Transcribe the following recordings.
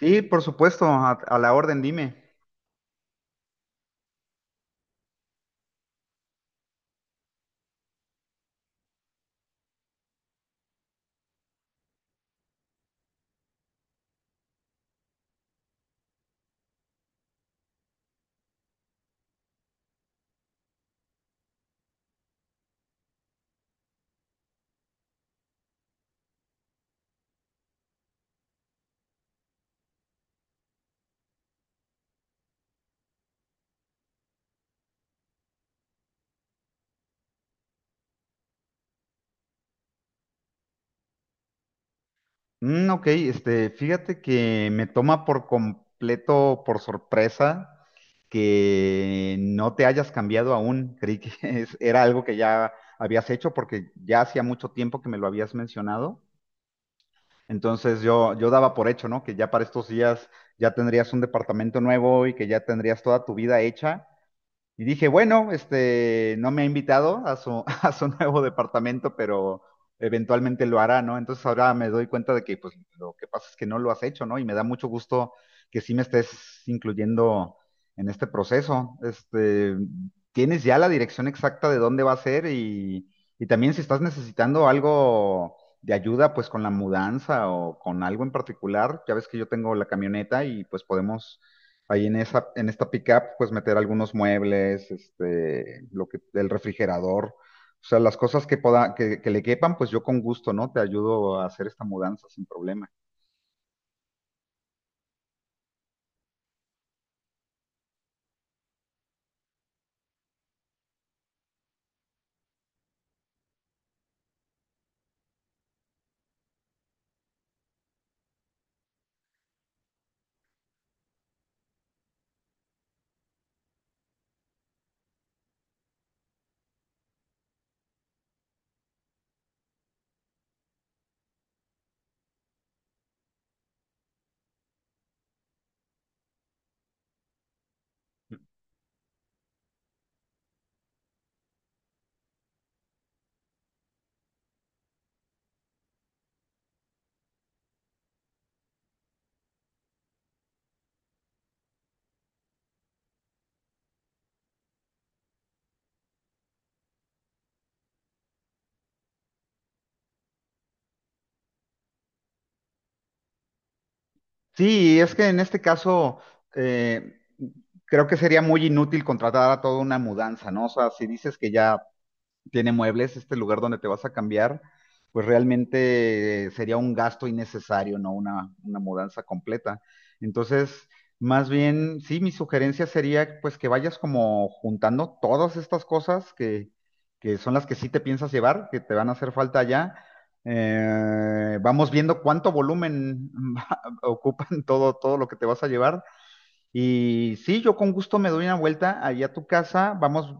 Sí, por supuesto, a la orden, dime. Ok, este, fíjate que me toma por completo, por sorpresa, que no te hayas cambiado aún. Creí que era algo que ya habías hecho porque ya hacía mucho tiempo que me lo habías mencionado. Entonces yo daba por hecho, ¿no? Que ya para estos días ya tendrías un departamento nuevo y que ya tendrías toda tu vida hecha. Y dije, bueno, este, no me ha invitado a su, a su nuevo departamento, pero eventualmente lo hará, ¿no? Entonces ahora me doy cuenta de que, pues, lo que pasa es que no lo has hecho, ¿no? Y me da mucho gusto que sí me estés incluyendo en este proceso. Este, tienes ya la dirección exacta de dónde va a ser y también si estás necesitando algo de ayuda, pues, con la mudanza o con algo en particular, ya ves que yo tengo la camioneta y, pues, podemos. Ahí en esa, en esta pickup, pues meter algunos muebles, este, lo que, el refrigerador, o sea, las cosas que que le quepan, pues yo con gusto, ¿no? Te ayudo a hacer esta mudanza sin problema. Sí, es que en este caso, eh, creo que sería muy inútil contratar a toda una mudanza, ¿no? O sea, si dices que ya tiene muebles, este lugar donde te vas a cambiar, pues realmente sería un gasto innecesario, ¿no? Una mudanza completa. Entonces, más bien, sí, mi sugerencia sería pues que vayas como juntando todas estas cosas que son las que sí te piensas llevar, que te van a hacer falta allá. Vamos viendo cuánto volumen ocupan todo, todo lo que te vas a llevar. Y sí, yo con gusto me doy una vuelta allá a tu casa, vamos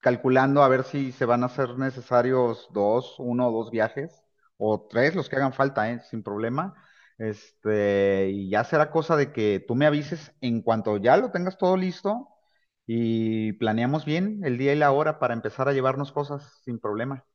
calculando a ver si se van a hacer necesarios dos, uno o dos viajes, o tres, los que hagan falta, ¿eh? Sin problema. Este, y ya será cosa de que tú me avises en cuanto ya lo tengas todo listo y planeamos bien el día y la hora para empezar a llevarnos cosas sin problema.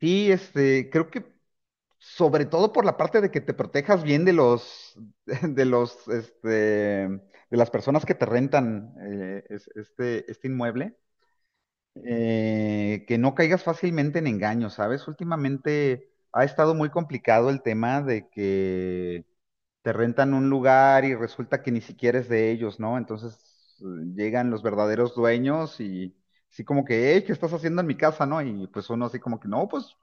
Sí, este, creo que sobre todo por la parte de que te protejas bien de los, de los, este, de las personas que te rentan este inmueble. Que no caigas fácilmente en engaños, ¿sabes? Últimamente ha estado muy complicado el tema de que te rentan un lugar y resulta que ni siquiera es de ellos, ¿no? Entonces llegan los verdaderos dueños y así como que, hey, ¿qué estás haciendo en mi casa, no? Y pues uno así como que, no, pues,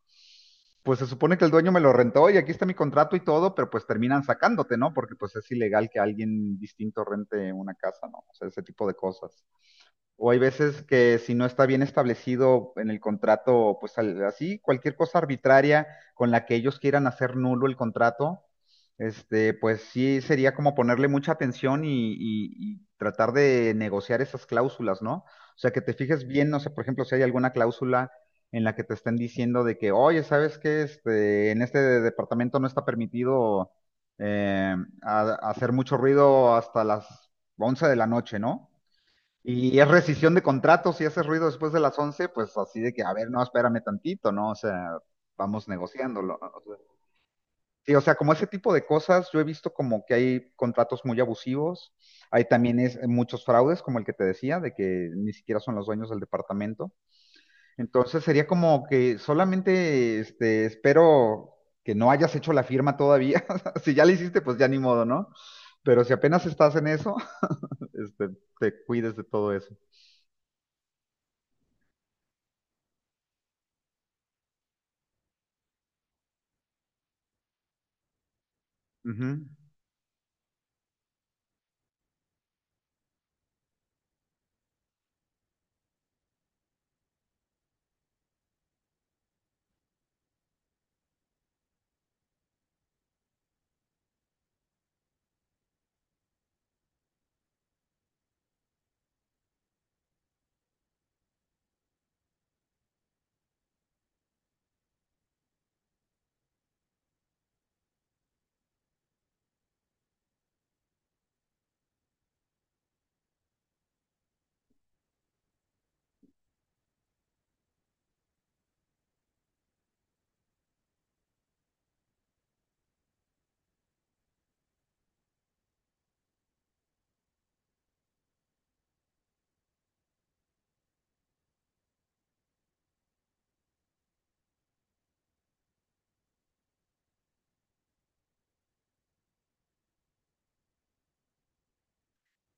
pues se supone que el dueño me lo rentó y aquí está mi contrato y todo, pero pues terminan sacándote, ¿no? Porque pues es ilegal que alguien distinto rente una casa, ¿no? O sea, ese tipo de cosas. O hay veces que si no está bien establecido en el contrato, pues así, cualquier cosa arbitraria con la que ellos quieran hacer nulo el contrato, este, pues sí sería como ponerle mucha atención y tratar de negociar esas cláusulas, ¿no? O sea, que te fijes bien, no sé, por ejemplo, si hay alguna cláusula en la que te estén diciendo de que, oye, ¿sabes qué? Este, en este departamento no está permitido eh, hacer mucho ruido hasta las 11 de la noche, ¿no? Y es rescisión de contratos, si hace ruido después de las 11 pues así de que, a ver, no, espérame tantito, ¿no? O sea, vamos negociándolo, ¿no? O sea, sí, o sea, como ese tipo de cosas, yo he visto como que hay contratos muy abusivos, hay también muchos fraudes, como el que te decía, de que ni siquiera son los dueños del departamento. Entonces sería como que solamente este, espero que no hayas hecho la firma todavía. Si ya la hiciste, pues ya ni modo, ¿no? Pero si apenas estás en eso, este, te cuides de todo eso. Ujú.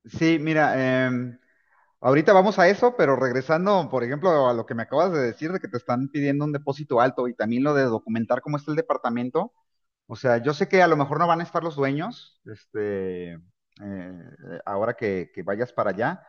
Sí, mira, ahorita vamos a eso, pero regresando, por ejemplo, a lo que me acabas de decir de que te están pidiendo un depósito alto y también lo de documentar cómo está el departamento. O sea, yo sé que a lo mejor no van a estar los dueños, este, eh, ahora que vayas para allá,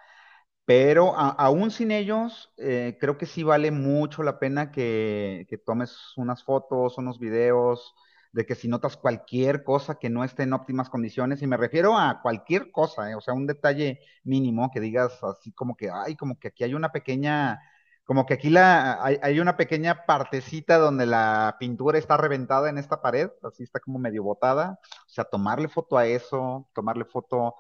pero aún sin ellos, creo que sí vale mucho la pena que tomes unas fotos, unos videos, de que si notas cualquier cosa que no esté en óptimas condiciones, y me refiero a cualquier cosa, o sea, un detalle mínimo que digas así como que, ay, como que aquí hay una pequeña, como que aquí la, hay una pequeña partecita donde la pintura está reventada en esta pared, así está como medio botada, o sea, tomarle foto a eso, tomarle foto.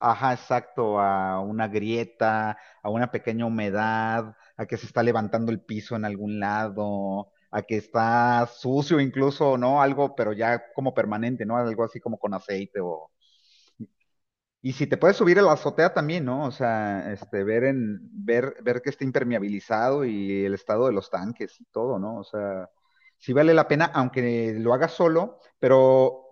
Ajá, exacto, a una grieta, a una pequeña humedad, a que se está levantando el piso en algún lado, a que está sucio incluso, ¿no? Algo, pero ya como permanente, ¿no? Algo así como con aceite o, y si te puedes subir a la azotea también, ¿no? O sea, este, ver que esté impermeabilizado y el estado de los tanques y todo, ¿no? O sea, sí vale la pena, aunque lo hagas solo, pero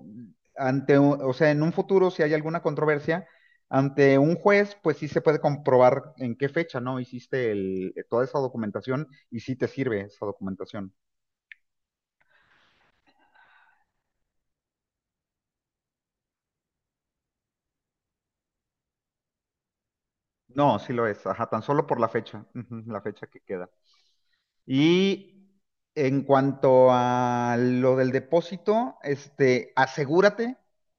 o sea, en un futuro, si hay alguna controversia, ante un juez, pues sí se puede comprobar en qué fecha, ¿no? Hiciste toda esa documentación y sí te sirve esa documentación. No, sí lo es, ajá, tan solo por la fecha, ujú, la fecha que queda. Y en cuanto a lo del depósito, este, asegúrate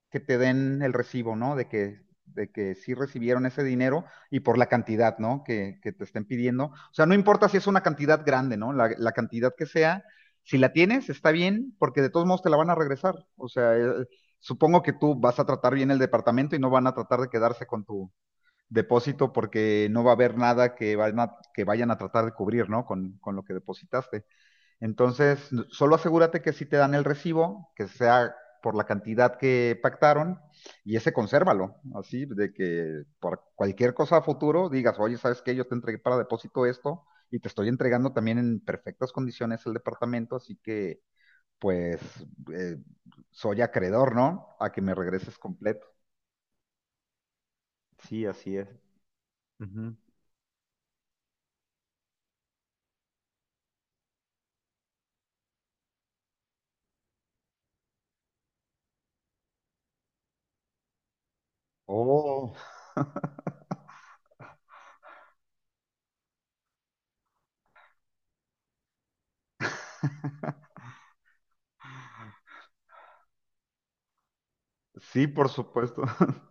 que te den el recibo, ¿no? De que sí recibieron ese dinero y por la cantidad, ¿no? Que te estén pidiendo. O sea, no importa si es una cantidad grande, ¿no? La cantidad que sea, si la tienes, está bien, porque de todos modos te la van a regresar. O sea, supongo que tú vas a tratar bien el departamento y no van a tratar de quedarse con tu depósito porque no va a haber nada que vayan a tratar de cubrir, ¿no? Con lo que depositaste. Entonces, solo asegúrate que si te dan el recibo, que sea por la cantidad que pactaron, y ese consérvalo, así, de que por cualquier cosa a futuro digas, oye, ¿sabes qué? Yo te entregué para depósito esto, y te estoy entregando también en perfectas condiciones el departamento, así que, pues, eh, soy acreedor, ¿no? A que me regreses completo. Sí, así es. Uh -huh. Oh, sí, por supuesto.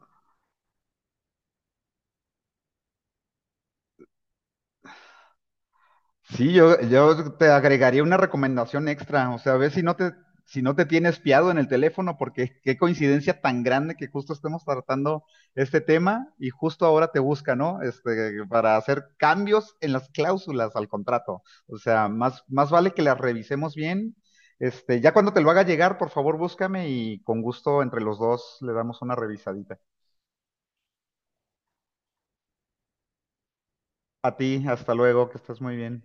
Sí, yo te agregaría una recomendación extra, o sea, a ver si no te tiene espiado en el teléfono, porque qué coincidencia tan grande que justo estemos tratando este tema y justo ahora te busca, ¿no? Este, para hacer cambios en las cláusulas al contrato. O sea, más vale que las revisemos bien. Este, ya cuando te lo haga llegar, por favor, búscame y con gusto entre los dos le damos una revisadita. A ti, hasta luego, que estés muy bien.